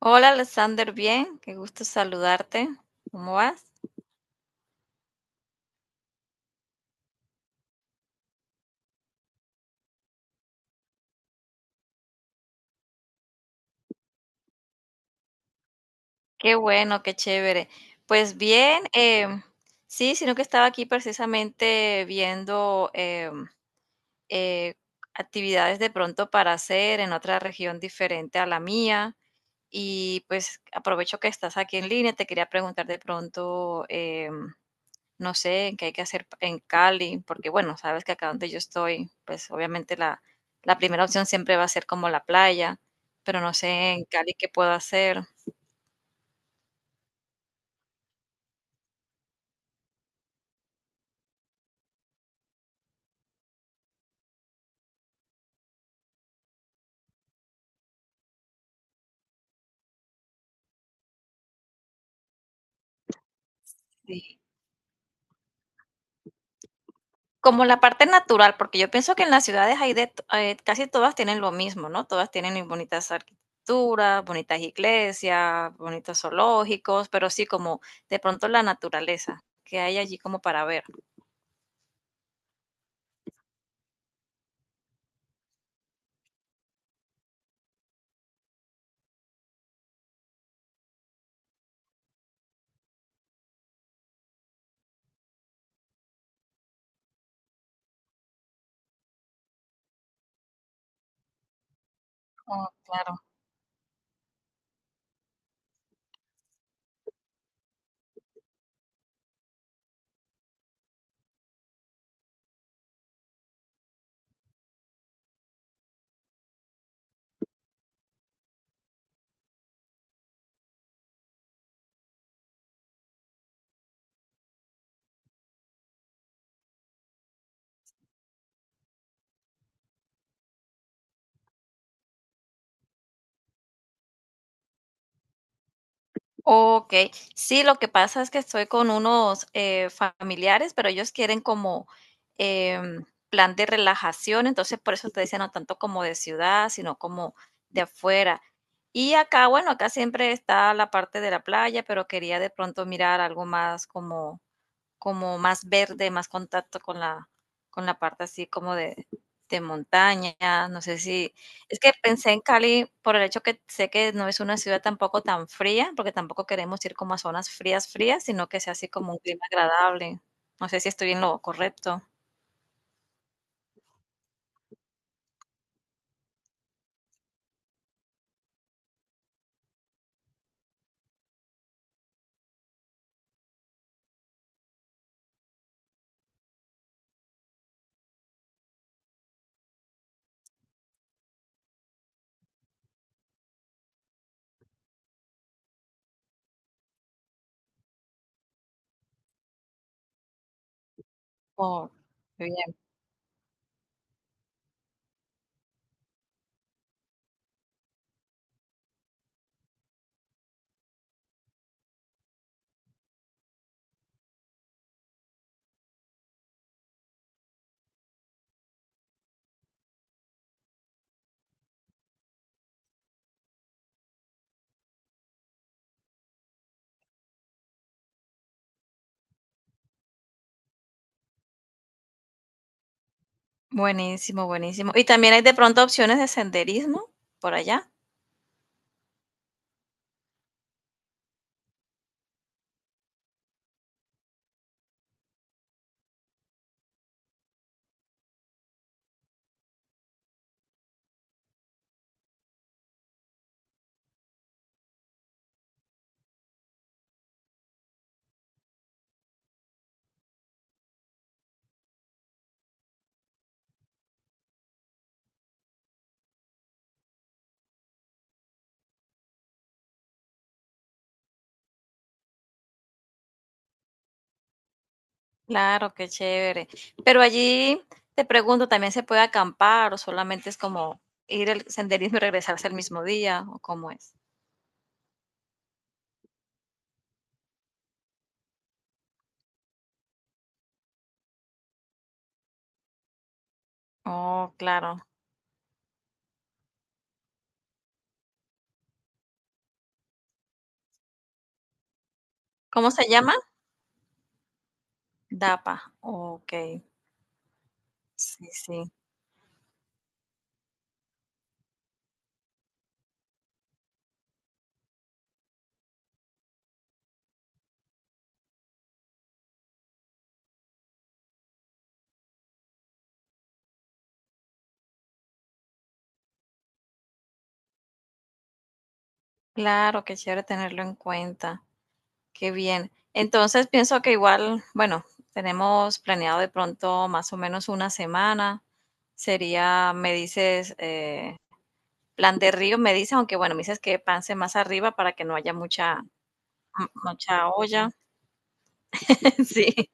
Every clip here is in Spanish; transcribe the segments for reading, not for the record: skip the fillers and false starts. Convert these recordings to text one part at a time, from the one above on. Hola Alexander, bien, qué gusto saludarte. ¿Cómo vas? Qué bueno, qué chévere. Pues bien, sí, sino que estaba aquí precisamente viendo eh, actividades de pronto para hacer en otra región diferente a la mía y pues aprovecho que estás aquí en línea, te quería preguntar de pronto no sé, qué hay que hacer en Cali, porque bueno, sabes que acá donde yo estoy, pues obviamente la primera opción siempre va a ser como la playa, pero no sé en Cali qué puedo hacer. Sí. Como la parte natural, porque yo pienso que en las ciudades hay casi todas tienen lo mismo, ¿no? Todas tienen bonitas arquitecturas, bonitas iglesias, bonitos zoológicos, pero sí como de pronto la naturaleza que hay allí como para ver. Oh, claro. Okey. Sí, lo que pasa es que estoy con unos, familiares, pero ellos quieren como, em, plan de relajación, entonces por eso te decía, no tanto como de ciudad, sino como de afuera. Y acá, bueno, acá siempre está la parte de la playa, pero quería de pronto mirar algo más como como más verde, más contacto con con la parte así como de montaña, no sé si, es que pensé en Cali por el hecho que sé que no es una ciudad tampoco tan fría, porque tampoco queremos ir como a zonas frías, frías, sino que sea así como un clima agradable. No sé si estoy en lo correcto. Oh, qué bien. Buenísimo, buenísimo. ¿Y también hay de pronto opciones de senderismo por allá? Claro, qué chévere. Pero allí te pregunto, ¿también se puede acampar o solamente es como ir al senderismo y regresarse el mismo día o cómo es? Oh, claro. ¿Cómo se llama? DAPA. Ok, sí, sí. Claro, qué chévere tenerlo en cuenta. Qué bien. Entonces pienso que igual, bueno, tenemos planeado de pronto más o menos una semana. Sería, me dices, plan de río, me dices, aunque bueno, me dices que pase más arriba para que no haya mucha M mucha olla, sí.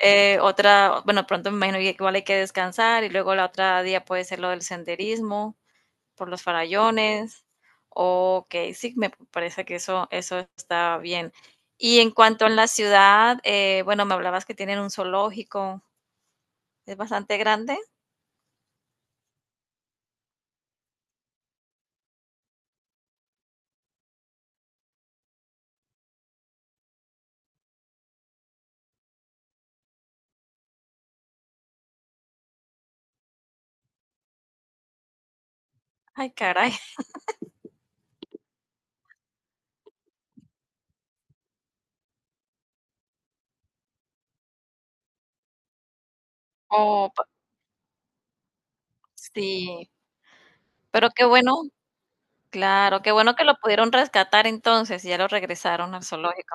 Otra, bueno, pronto me imagino que igual hay que descansar y luego la otra día puede ser lo del senderismo por los farallones. Ok, sí, me parece que eso está bien. Y en cuanto a la ciudad, bueno, me hablabas que tienen un zoológico, es bastante grande. Ay, caray. Oh, pa- sí, pero qué bueno, claro, qué bueno que lo pudieron rescatar entonces y ya lo regresaron al zoológico.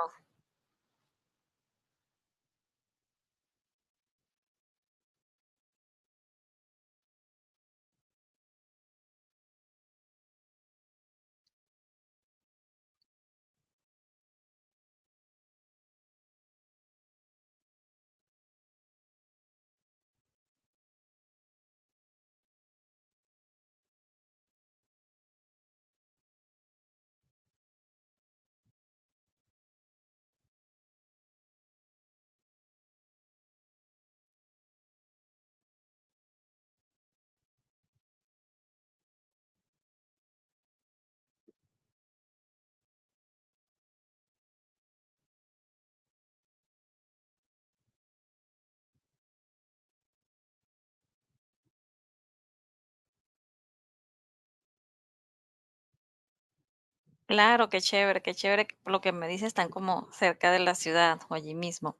Claro, qué chévere, qué chévere. Que por lo que me dices, están como cerca de la ciudad o allí mismo.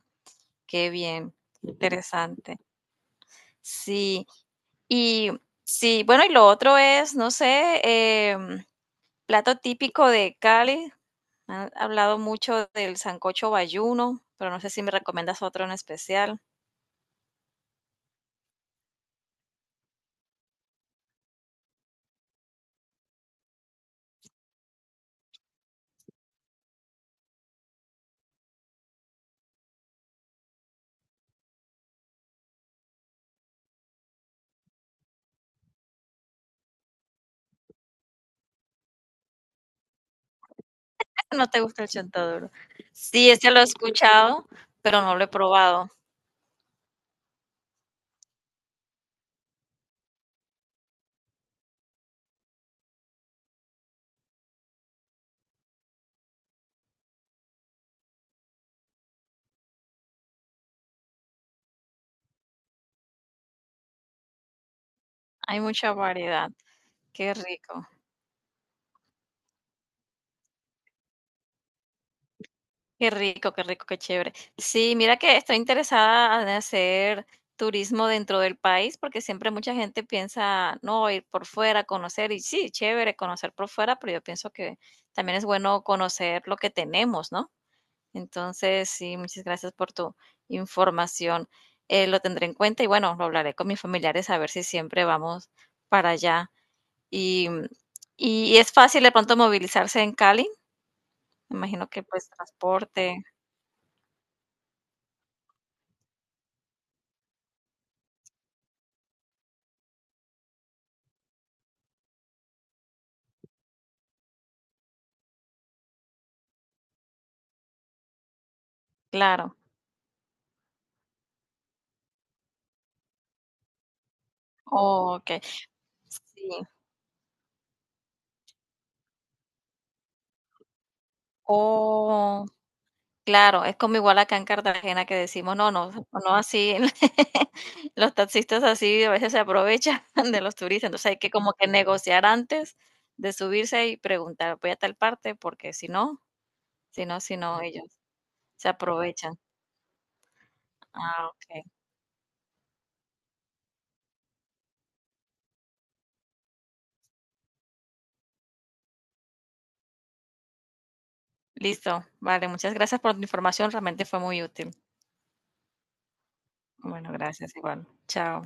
Qué bien, qué interesante. Sí, y sí, bueno, y lo otro es, no sé, em, plato típico de Cali. Han hablado mucho del sancocho bayuno, pero no sé si me recomiendas otro en especial. No te gusta el chontaduro. Sí, este lo he escuchado, pero no lo he probado. Hay mucha variedad. Qué rico. Qué rico, qué rico, qué chévere. Sí, mira que estoy interesada en hacer turismo dentro del país porque siempre mucha gente piensa, no, ir por fuera, conocer, y sí, chévere conocer por fuera, pero yo pienso que también es bueno conocer lo que tenemos, ¿no? Entonces, sí, muchas gracias por tu información. Lo tendré en cuenta y bueno, lo hablaré con mis familiares a ver si siempre vamos para allá. Y, y es fácil de pronto movilizarse en Cali, me imagino que pues transporte, claro. Okey. Sí. Oh, claro, es como igual acá en Cartagena que decimos: "No, no, no así". Los taxistas así a veces se aprovechan de los turistas, entonces hay que como que negociar antes de subirse y preguntar: "Voy a tal parte", porque si no si no, ellos se aprovechan. Ah, okey. Listo. Vale, muchas gracias por tu información, realmente fue muy útil. Bueno, gracias igual. Chao.